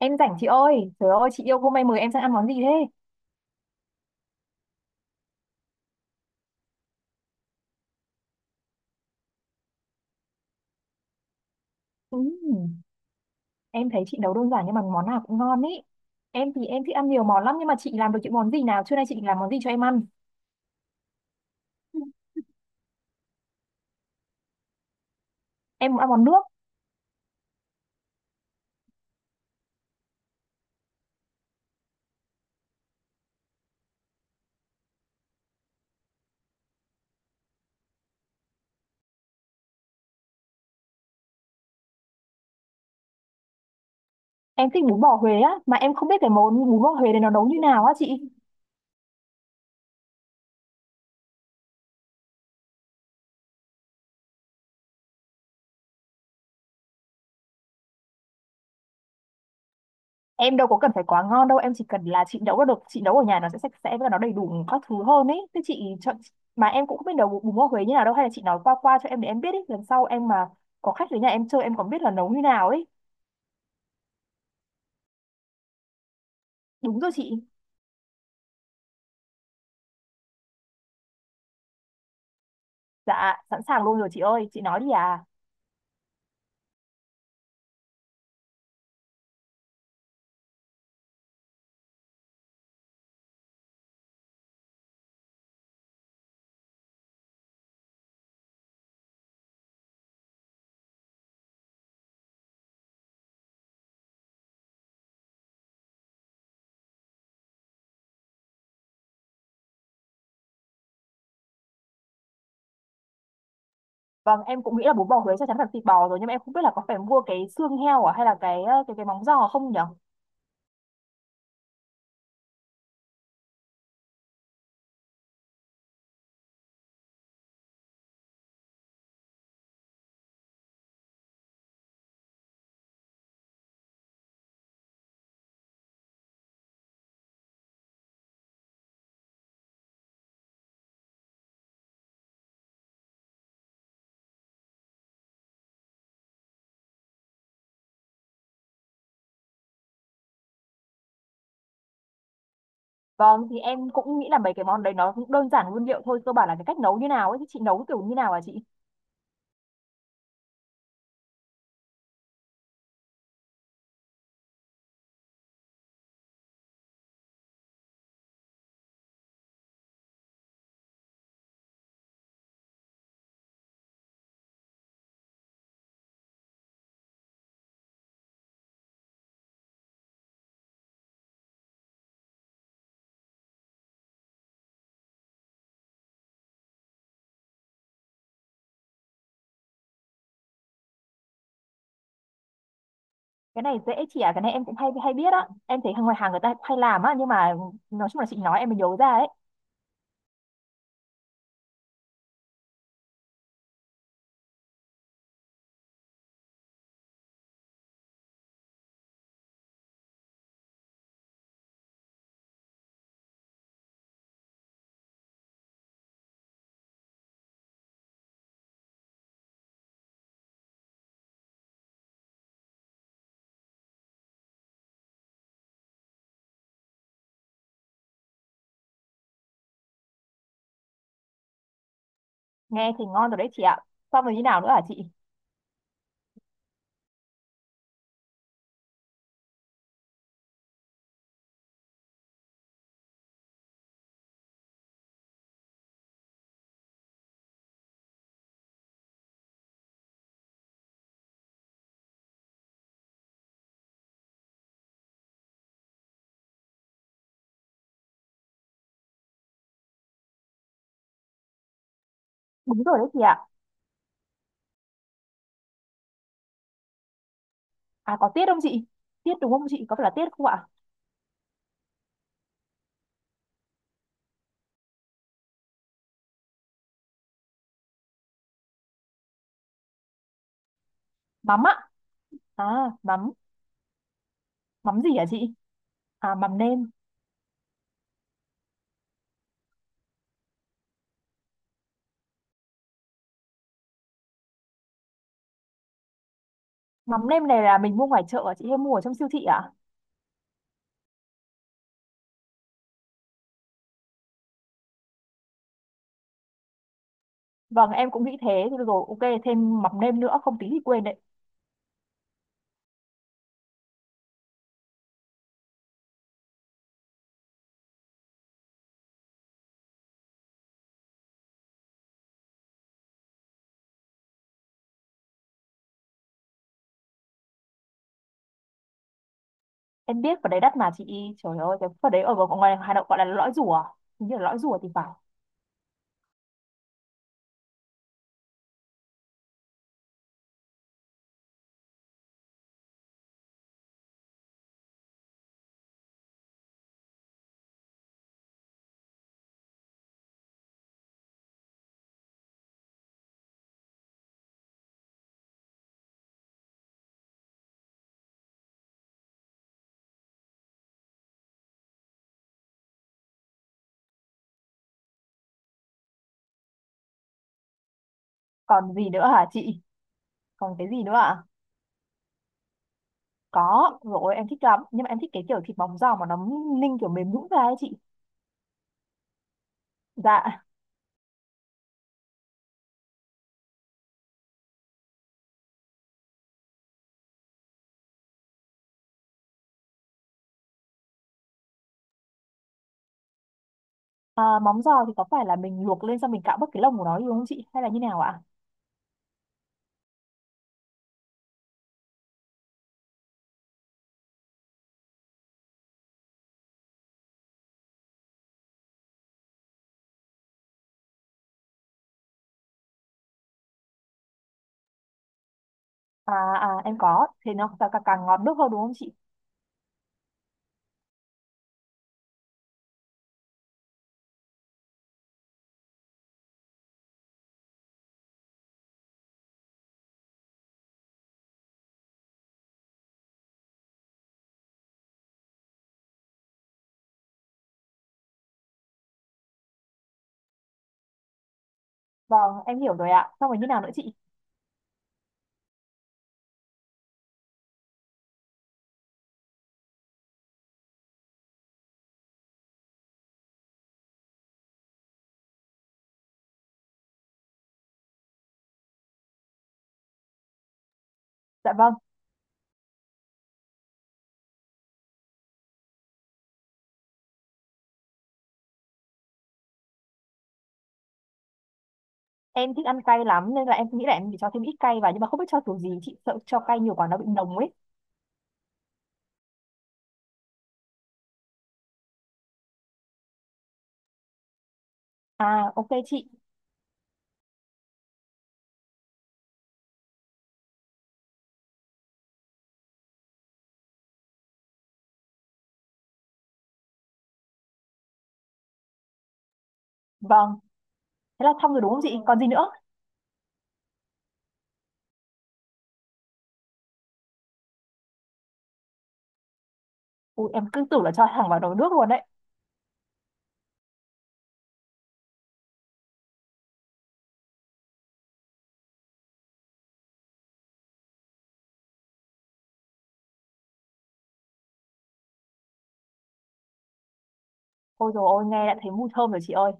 Em rảnh chị ơi, trời ơi chị yêu hôm nay mời em sang ăn món gì thế? Ừm, em thấy chị nấu đơn giản nhưng mà món nào cũng ngon ý. Em thì em thích ăn nhiều món lắm nhưng mà chị làm được những món gì nào? Trưa nay chị định làm món gì cho em ăn? Em muốn ăn món nước, em thích bún bò Huế á, mà em không biết cái món bún bò Huế này nó nấu như nào á chị. Em đâu có cần phải quá ngon đâu, em chỉ cần là chị nấu là được, chị nấu ở nhà nó sẽ sạch sẽ và nó đầy đủ các thứ hơn ấy. Thế chị chọn mà Em cũng không biết nấu bún bún bò Huế như nào đâu, hay là chị nói qua qua cho em để em biết ý, lần sau em mà có khách đến nhà em chơi em còn biết là nấu như nào ấy. Đúng rồi chị. Dạ, sẵn sàng luôn rồi chị ơi, chị nói đi à. Vâng, em cũng nghĩ là bún bò Huế chắc chắn là thịt bò rồi, nhưng mà em không biết là có phải mua cái xương heo à, hay là cái ờ, cái móng giò không nhở? Vâng, thì em cũng nghĩ là mấy cái món đấy nó cũng đơn giản nguyên liệu thôi, cơ bản là cái cách nấu như nào ấy, thì chị nấu kiểu như nào à chị? Cái này dễ chị à, cái này em cũng hay hay biết á. Em thấy hàng ngoài hàng người ta cũng hay làm á, nhưng mà nói chung là chị nói em mới nhớ ra đấy. Nghe thì ngon rồi đấy chị ạ. Xong rồi như nào nữa hả chị? Đúng rồi đấy chị ạ. À có tiết không chị? Tiết đúng không chị? Có phải là tiết không ạ? Mắm ạ. À, mắm, mắm gì hả chị? À mắm nêm. Mắm nêm này là mình mua ngoài chợ à chị, hay mua ở trong siêu thị à? Vâng em cũng nghĩ thế thì rồi ok, thêm mắm nêm nữa, không tí thì quên đấy. Em biết vào đấy đắt mà chị, trời ơi cái phần đấy ở ngoài ngoài Hà Nội gọi là lõi rùa. À? Hình như là lõi rùa thì phải. Còn gì nữa hả chị? Còn cái gì nữa à? Có, rồi em thích lắm nhưng mà em thích cái kiểu thịt móng giò mà nó ninh kiểu mềm nhũn ra ấy chị. Dạ. À, móng giò thì có phải là mình luộc lên xong mình cạo bớt cái lông của nó đi đúng không chị? Hay là như nào ạ? À, à em có, thế nó càng, càng ngọt nước hơn đúng không chị? Vâng, em hiểu rồi ạ. Xong rồi như nào nữa chị? Dạ vâng. Em thích ăn cay lắm nên là em nghĩ là em chỉ cho thêm ít cay vào, nhưng mà không biết cho kiểu gì, chị sợ cho cay nhiều quá nó bị nồng ấy. À ok chị. Vâng, thế là xong rồi đúng không chị, còn gì nữa? Ui, em cứ tưởng là cho thẳng vào nồi nước luôn đấy. Ôi dồi ôi, nghe đã thấy mùi thơm rồi chị ơi.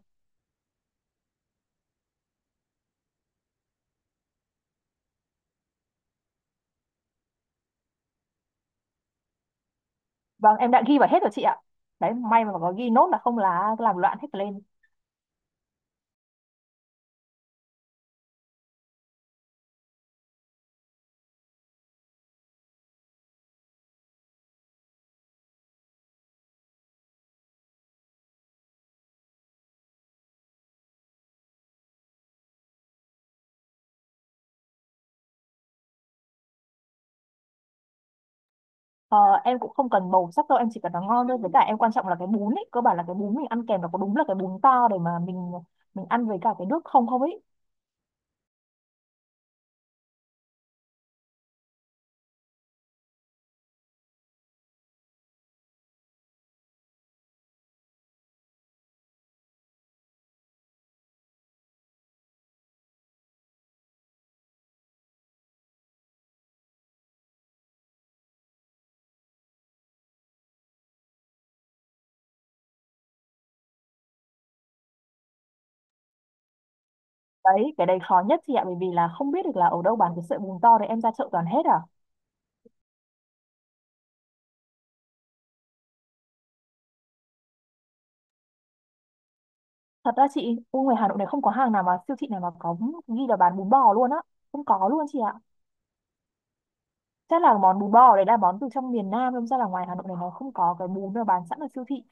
Vâng em đã ghi vào hết rồi chị ạ. Đấy, may mà có ghi nốt, là không là làm loạn hết lên. ờ, em cũng không cần màu sắc đâu, em chỉ cần nó ngon thôi, với cả em quan trọng là cái bún ấy, cơ bản là cái bún mình ăn kèm nó có đúng là cái bún to để mà mình ăn với cả cái nước không không ấy. Đấy, cái đấy khó nhất chị ạ, bởi vì là không biết được là ở đâu bán cái sợi bùn to đấy, em ra chợ toàn hết à. Thật ra chị, ui ngoài Hà Nội này không có hàng nào mà siêu thị nào mà có ghi là bán bún bò luôn á. Không có luôn chị ạ. Chắc là món bún bò đấy là món từ trong miền Nam, đâm ra là ngoài Hà Nội này nó không có cái bún nào bán sẵn ở siêu thị.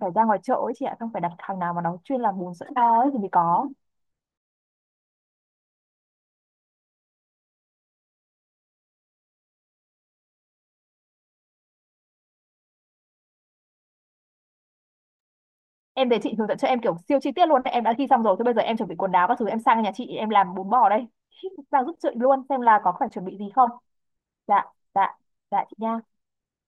Phải ra ngoài chợ ấy chị ạ, không phải đặt hàng nào mà nó chuyên làm bún sợi to ấy thì mới có. Em để chị hướng dẫn cho em kiểu siêu chi tiết luôn, đấy, em đã ghi xong rồi, thế bây giờ em chuẩn bị quần áo các thứ, em sang nhà chị em làm bún bò đây. Vào giúp chị luôn xem là có phải chuẩn bị gì không. Dạ, dạ, dạ chị nha.